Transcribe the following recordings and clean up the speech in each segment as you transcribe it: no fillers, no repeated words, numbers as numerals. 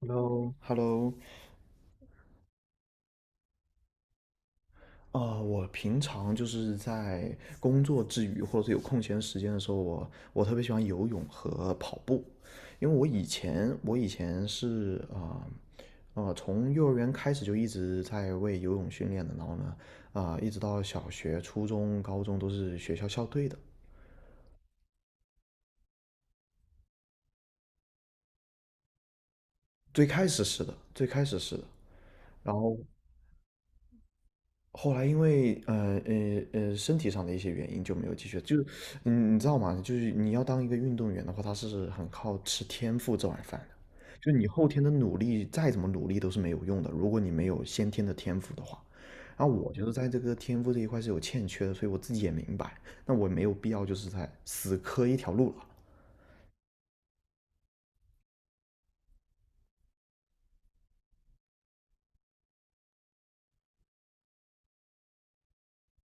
Hello，Hello，我平常就是在工作之余，或者是有空闲时间的时候，我特别喜欢游泳和跑步，因为我以前是啊从幼儿园开始就一直在为游泳训练的，然后呢，一直到小学、初中、高中都是学校校队的。最开始是的，最开始是的。然后后来因为身体上的一些原因就没有继续了，就是你知道吗？就是你要当一个运动员的话，他是很靠吃天赋这碗饭的。就是你后天的努力再怎么努力都是没有用的，如果你没有先天的天赋的话。然后我觉得在这个天赋这一块是有欠缺的，所以我自己也明白，那我没有必要就是在死磕一条路了。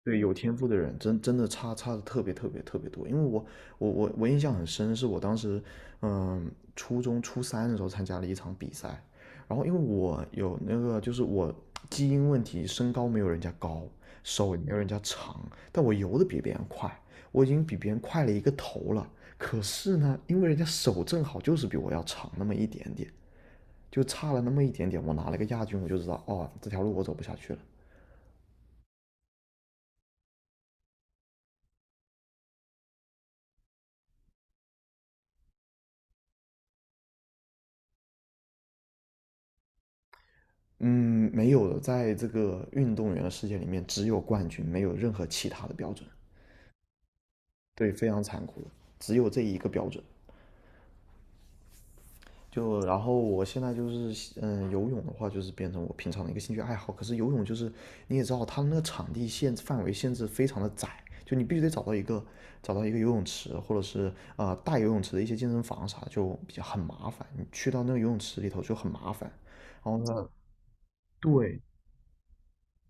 对，有天赋的人真的差的特别特别特别多，因为我印象很深，是我当时初中初三的时候参加了一场比赛，然后因为我有那个就是我基因问题，身高没有人家高，手也没有人家长，但我游的比别人快，我已经比别人快了一个头了。可是呢，因为人家手正好就是比我要长那么一点点，就差了那么一点点，我拿了个亚军，我就知道哦这条路我走不下去了。嗯，没有的。在这个运动员的世界里面，只有冠军，没有任何其他的标准。对，非常残酷的，只有这一个标准。就然后我现在就是，游泳的话就是变成我平常的一个兴趣爱好。可是游泳就是你也知道，它那个场地限范围限制非常的窄，就你必须得找到一个游泳池，或者是大游泳池的一些健身房啥，就比较很麻烦。你去到那个游泳池里头就很麻烦。然后呢，对，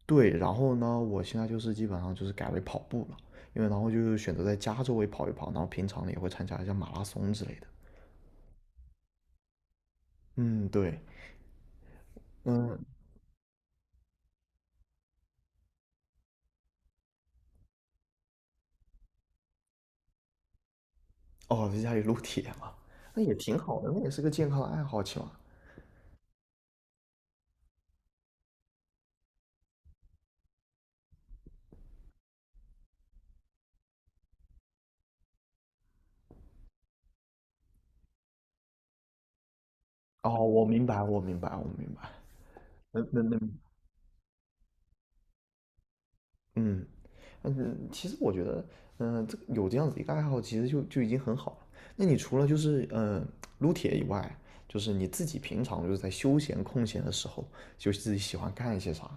对，然后呢，我现在就是基本上就是改为跑步了，因为然后就是选择在家周围跑一跑，然后平常呢也会参加一下马拉松之类的。嗯，对。嗯。哦，在家里撸铁嘛，那也挺好的，那也是个健康的爱好，起码。哦，我明白，我明白，我明白。那能，嗯嗯，其实我觉得，这个有这样子一个爱好，其实就已经很好了。那你除了就是撸铁以外，就是你自己平常就是在休闲空闲的时候，就自己喜欢干一些啥？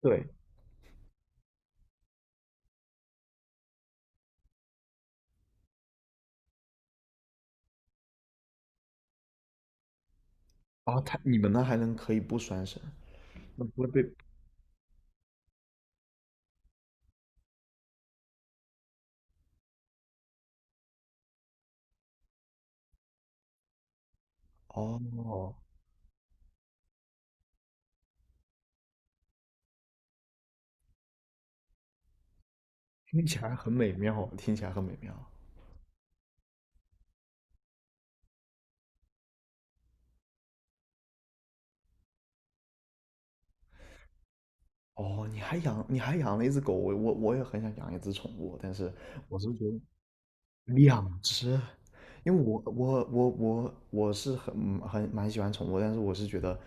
对，啊，它你们那还能可以不拴绳？那不会被。哦，听起来很美妙，听起来很美妙。哦，你还养了一只狗。我也很想养一只宠物，但是我是觉得，两只，因为我是很蛮喜欢宠物，但是我是觉得，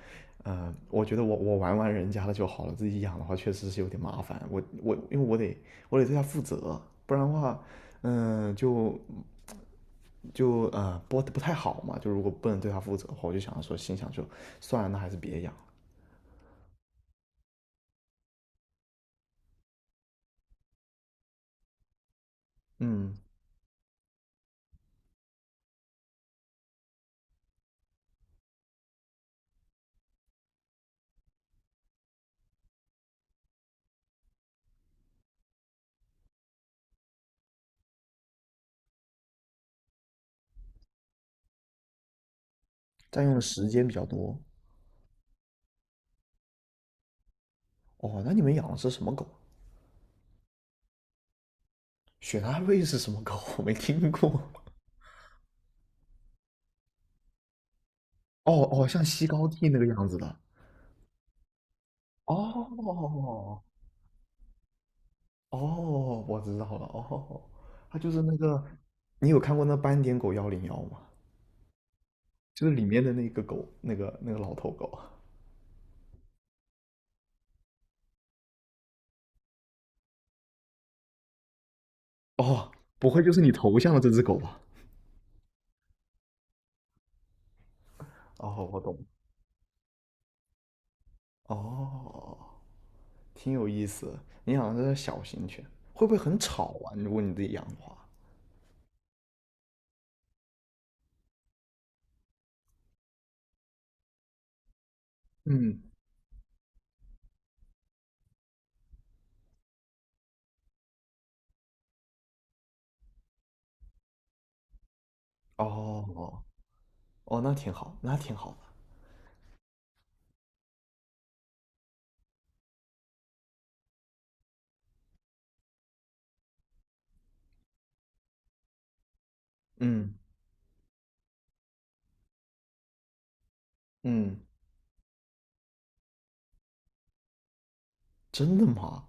我觉得我玩玩人家的就好了，自己养的话确实是有点麻烦。我因为我得对它负责，不然的话，嗯、就就呃播的不太好嘛，就如果不能对它负责的话，我就想说心想就算了，那还是别养。嗯，占用的时间比较多。哦，那你们养的是什么狗？雪纳瑞是什么狗？我没听过。哦哦，像西高地那个样子的。哦哦，我知道了。哦，它就是那个，你有看过那斑点狗101吗？就是里面的那个狗，那个老头狗。哦，不会就是你头像的这只狗吧？哦，我懂了。哦，挺有意思的。你养的是小型犬，会不会很吵啊？如果你自己养的话，嗯，哦哦哦，那挺好，那挺好的。嗯嗯，真的吗？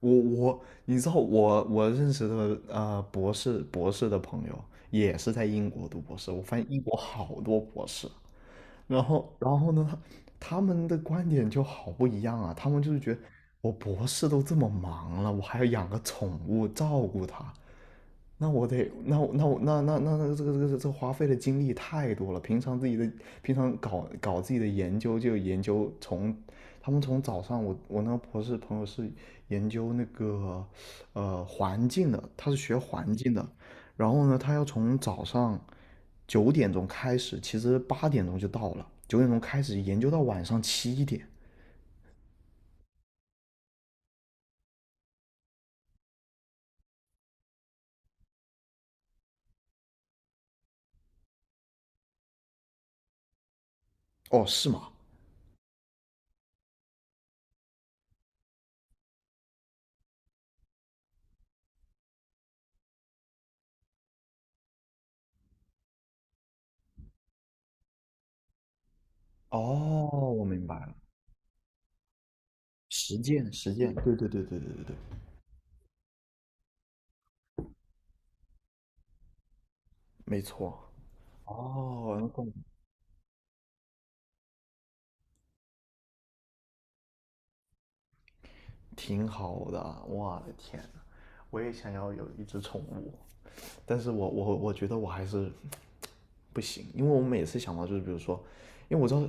我，你知道我认识的博士的朋友也是在英国读博士，我发现英国好多博士。然后呢，他们的观点就好不一样啊，他们就是觉得我博士都这么忙了，我还要养个宠物照顾它，那我得，那我那我那那那那这个这个这个花费的精力太多了。平常搞搞自己的研究，就研究从他们从早上我那个博士朋友是研究那个环境的，他是学环境的。然后呢，他要从早上九点钟开始，其实8点钟就到了，九点钟开始研究到晚上7点。哦，是吗？哦，我明白了。实践实践，对对对对对对对，没错。哦，那更。挺好的，我的天呐，我也想要有一只宠物，但是我觉得我还是不行。因为我每次想到就是比如说，因为我知道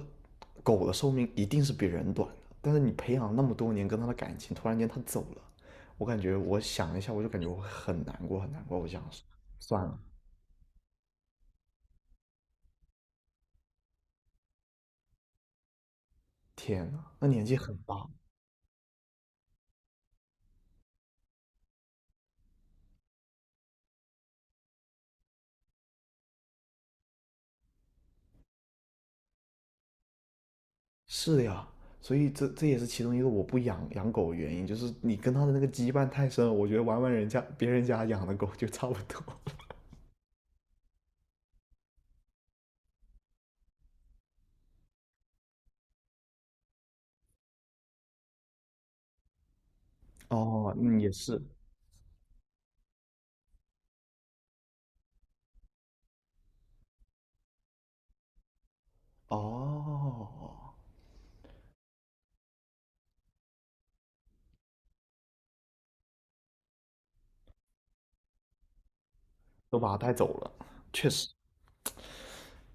狗的寿命一定是比人短的，但是你培养那么多年跟它的感情，突然间它走了，我感觉我想一下我就感觉我很难过很难过，我想算了。天呐，那年纪很大，是的呀，所以这也是其中一个我不养狗的原因，就是你跟它的那个羁绊太深了。我觉得玩玩人家别人家养的狗就差不多。哦，嗯，也是。哦，都把它带走了，确实。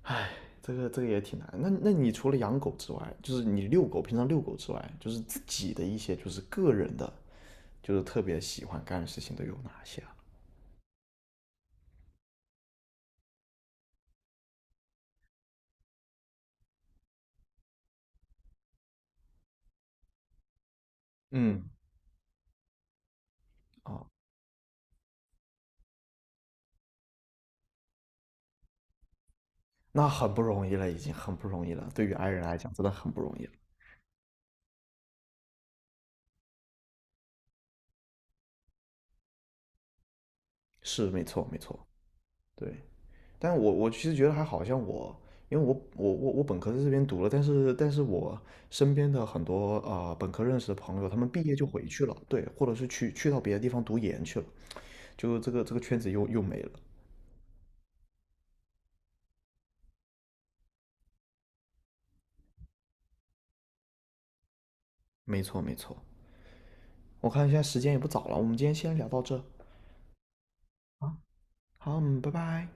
唉，这个也挺难。那你除了养狗之外，就是你遛狗，平常遛狗之外，就是自己的一些就是个人的，就是特别喜欢干的事情都有哪些啊？嗯，啊，那很不容易了，已经很不容易了。对于爱人来讲，真的很不容易了。是，没错，没错。对，但我其实觉得还好像我，因为我本科在这边读了，但是我身边的很多啊本科认识的朋友，他们毕业就回去了，对，或者是去到别的地方读研去了，就这个圈子又没了。没错没错，我看现在时间也不早了，我们今天先聊到这，好，嗯，拜拜。